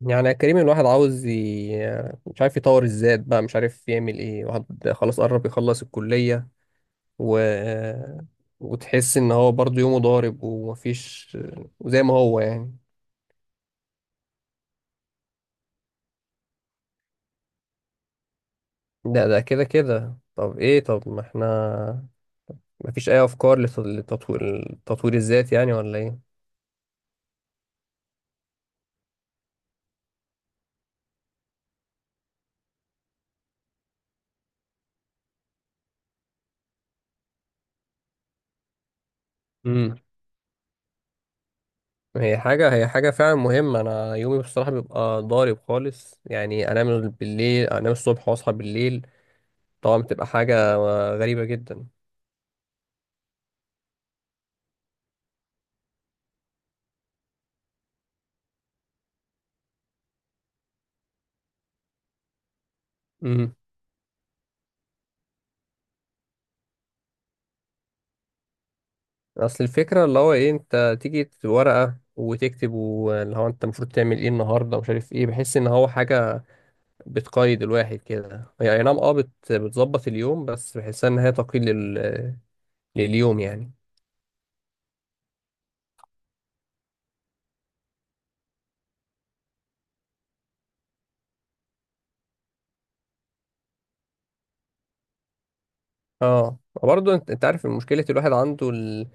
يعني يا كريم الواحد عاوز مش عارف يطور الذات بقى، مش عارف يعمل ايه. واحد خلاص قرب يخلص الكلية و... وتحس ان هو برضه يومه ضارب ومفيش، وزي ما هو يعني. ده كده طب ايه؟ طب ما احنا مفيش اي افكار لتطوير الذات يعني ولا ايه؟ امم هي حاجة فعلا مهمة. أنا يومي بصراحة بيبقى ضارب خالص، يعني أنام بالليل، أنام الصبح وأصحى بالليل. طبعا بتبقى حاجة غريبة جدا. اصل الفكره اللي هو ايه، انت تيجي ورقه وتكتب واللي هو انت المفروض تعمل ايه النهارده ومش عارف ايه، بحس ان هو حاجه بتقيد الواحد كده. هي اي نعم، اه بتظبط اليوم، بس بحسها ان هي تقييد لليوم يعني. اه، وبرضه انت عارف مشكله الواحد عنده ال-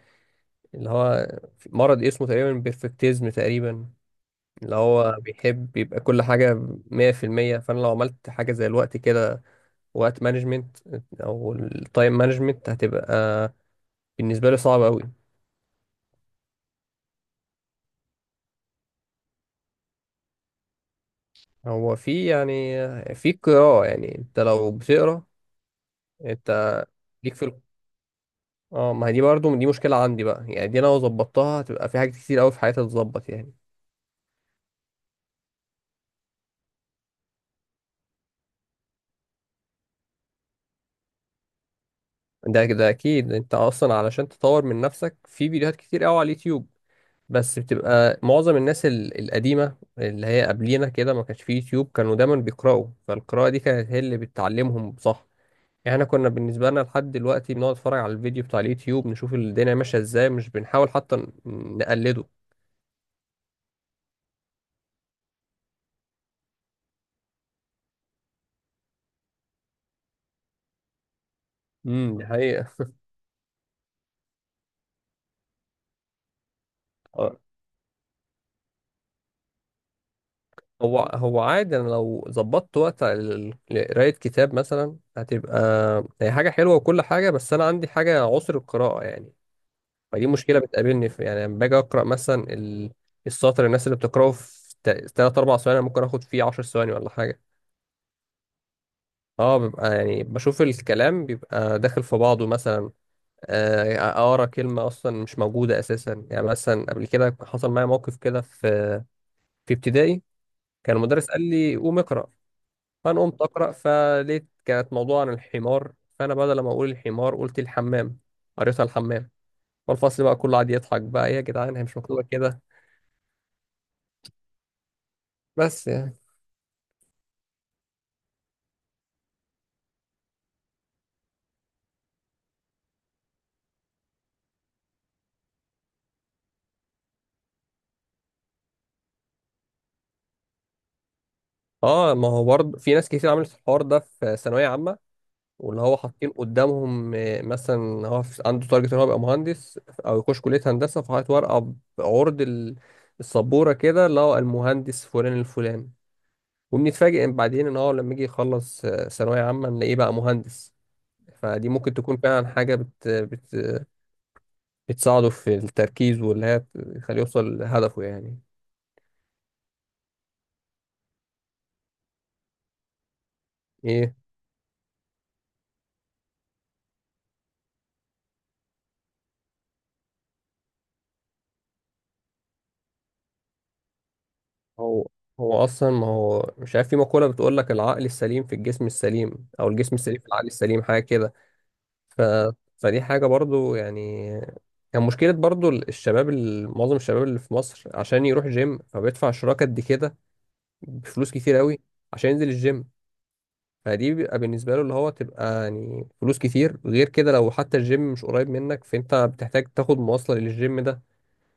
اللي هو في مرض اسمه تقريبا بيرفكتيزم تقريبا، اللي هو بيحب يبقى كل حاجه 100%. فانا لو عملت حاجه زي الوقت كده، وقت مانجمنت او التايم مانجمنت، هتبقى بالنسبة لي صعب أوي. هو في يعني في قراءة، يعني أنت لو بتقرا. أنت ليك اه ما هي دي برضه دي مشكلة عندي بقى يعني، دي أنا لو ظبطتها هتبقى في حاجات كتير أوي في حياتي تتظبط يعني. ده كده أكيد. أنت أصلا علشان تطور من نفسك في فيديوهات كتير أوي على اليوتيوب، بس بتبقى معظم الناس القديمة اللي هي قبلينا كده ما كانش في يوتيوب، كانوا دايما بيقرأوا، فالقراءة دي كانت هي اللي بتعلمهم صح يعني. احنا كنا بالنسبة لنا لحد دلوقتي بنقعد نتفرج على الفيديو بتاع اليوتيوب، نشوف الدنيا ماشية ازاي، مش بنحاول حتى نقلده. امم، دي حقيقة. آه. هو هو عادي، انا لو ظبطت وقت لقراية كتاب مثلا هتبقى هي حاجة حلوة وكل حاجة، بس انا عندي حاجة عسر القراءة يعني، فدي مشكلة بتقابلني في يعني. لما باجي اقرا مثلا السطر، الناس اللي بتقراه في تلات اربع ثواني، أنا ممكن اخد فيه عشر ثواني ولا حاجة. اه، بيبقى يعني بشوف الكلام بيبقى داخل في بعضه مثلا، آه، اقرا كلمه اصلا مش موجوده اساسا يعني. مثلا قبل كده حصل معايا موقف كده في في ابتدائي، كان المدرس قال لي قوم اقرا، فانا قمت اقرا، فلقيت كانت موضوع عن الحمار، فانا بدل ما اقول الحمار قلت الحمام، قريتها الحمام، والفصل بقى كله قعد يضحك بقى، إيه يا جدعان هي مش مكتوبه كده. بس يعني. اه، ما هو برضه في ناس كتير عملت الحوار ده في ثانويه عامه، واللي هو حاطين قدامهم آه، مثلا هو عنده تارجت ان هو يبقى مهندس، او يخش كليه هندسه، فحاطط ورقه بعرض السبوره كده اللي هو المهندس فلان الفلان، وبنتفاجئ إن بعدين ان هو لما يجي يخلص آه، ثانويه عامه نلاقيه بقى مهندس. فدي ممكن تكون فعلا حاجه بتساعده في التركيز، واللي هي تخليه يوصل لهدفه يعني. ايه هو اصلا، ما هو مش عارف في مقوله بتقول لك العقل السليم في الجسم السليم، او الجسم السليم في العقل السليم، حاجه كده. ف... فدي حاجة برضو يعني كان مشكلة برضو الشباب معظم الشباب اللي في مصر، عشان يروح جيم فبيدفع اشتراك قد كده، بفلوس كتير قوي، عشان ينزل الجيم. فدي بيبقى بالنسبة له اللي هو تبقى يعني فلوس كتير. غير كده لو حتى الجيم مش قريب منك، فانت بتحتاج تاخد مواصلة للجيم ده،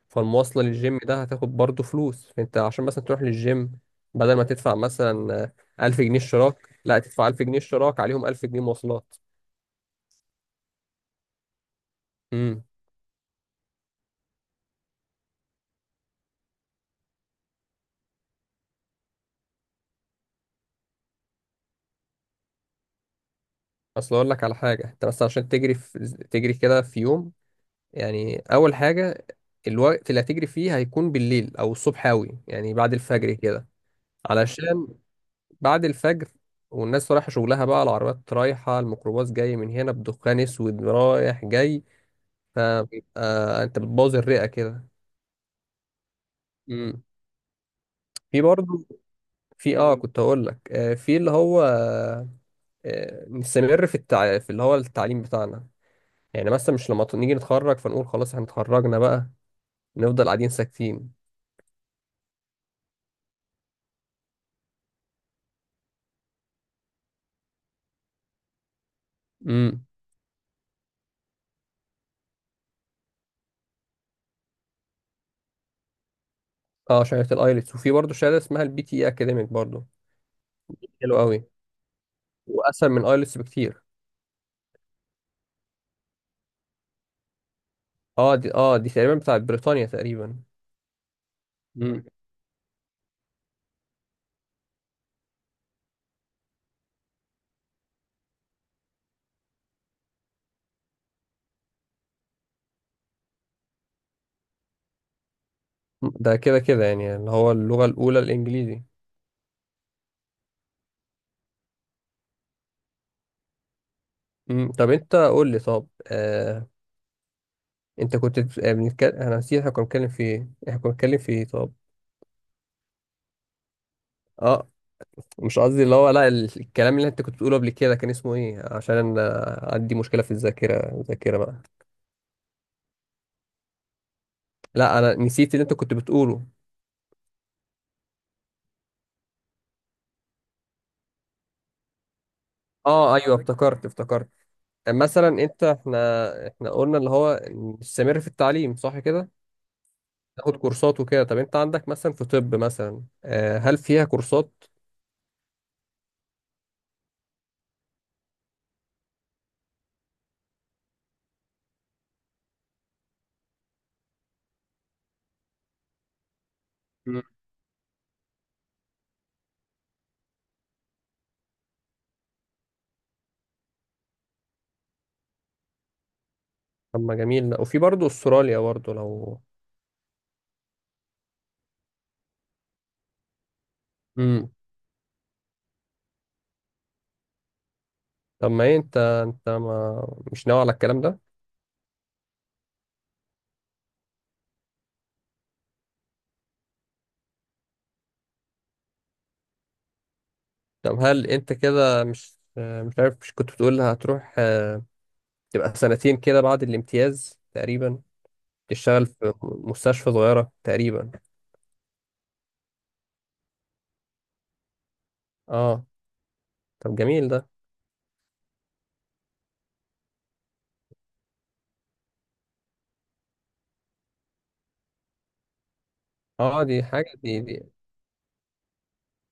فالمواصلة للجيم ده هتاخد برضو فلوس. فانت عشان مثلا تروح للجيم، بدل ما تدفع مثلا ألف جنيه اشتراك، لا تدفع ألف جنيه اشتراك عليهم ألف جنيه مواصلات. امم. اصل اقول لك على حاجه، انت بس عشان تجري كده في يوم، يعني اول حاجه الوقت اللي هتجري فيه هيكون بالليل او الصبح اوي، يعني بعد الفجر كده. علشان بعد الفجر والناس رايحه شغلها بقى، العربيات رايحه، الميكروباص جاي من هنا بدخان اسود رايح جاي، فبيبقى انت بتبوظ الرئه كده. امم. في برضه، في اه كنت هقول لك آه، في اللي هو آه، آه، نستمر في اللي هو التعليم بتاعنا يعني. مثلا مش لما نيجي نتخرج فنقول خلاص احنا اتخرجنا بقى، نفضل قاعدين ساكتين. امم. اه، شهاده الايلتس، وفي برضه شهاده اسمها البي تي اي اكاديميك برضه. حلو قوي، واسهل من ايلتس بكتير. اه، دي اه دي تقريبا بتاعت بريطانيا تقريبا. امم. ده كده كده يعني اللي هو اللغه الاولى الانجليزي. امم. طب انت قول لي، طب آه انت كنت بنتكلم، انا نسيت، احنا كنا بنتكلم في ايه؟ احنا كنا بنتكلم في ايه طب؟ اه. مش قصدي اللي هو لا، الكلام اللي انت كنت بتقوله قبل كده كان اسمه ايه؟ عشان انا عندي مشكله في الذاكره، الذاكره بقى. لا انا نسيت اللي انت كنت بتقوله. اه ايوه، افتكرت افتكرت. مثلا انت، احنا قلنا اللي هو نستمر في التعليم صح كده، تاخد كورسات وكده. طب انت عندك مثلا في طب مثلا آه، هل فيها كورسات؟ مم. طب ما جميل. لا وفي برضه استراليا برضه لو. امم. طب ما ايه، انت انت ما مش ناوي على الكلام ده؟ طب هل انت كده مش آه، مش عارف، مش كنت بتقول هتروح آه، تبقى سنتين كده بعد الامتياز تقريبا، تشتغل في مستشفى صغيرة تقريبا؟ اه. طب جميل ده. اه دي حاجة، دي دي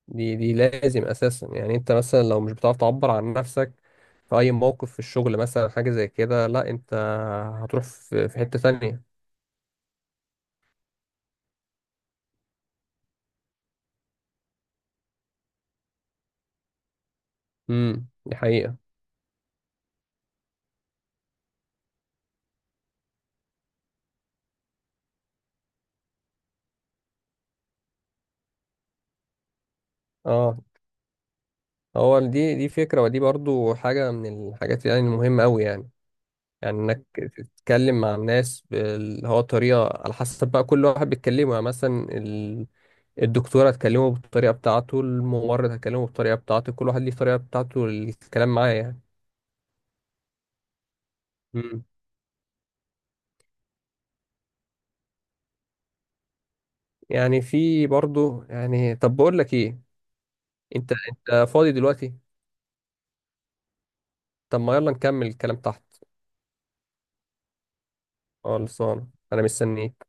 دي, دي لازم اساسا يعني. انت مثلا لو مش بتعرف تعبر عن نفسك في اي موقف في الشغل مثلا حاجة زي كده، لا انت هتروح في حتة تانية. امم، دي حقيقة. اه، هو دي فكرة، ودي برضو حاجة من الحاجات يعني المهمة قوي يعني. يعني انك تتكلم مع الناس اللي هو طريقة على حسب بقى كل واحد بيتكلمه يعني. مثلا الدكتورة هتكلمه بالطريقة بتاعته، الممرض هتكلمه بالطريقة بتاعته، كل واحد ليه طريقة بتاعته للكلام معاه يعني. امم. يعني في برضه يعني، طب بقول لك ايه، انت فاضي دلوقتي؟ طب ما يلا نكمل الكلام تحت. اه خلصان، انا مستنيك.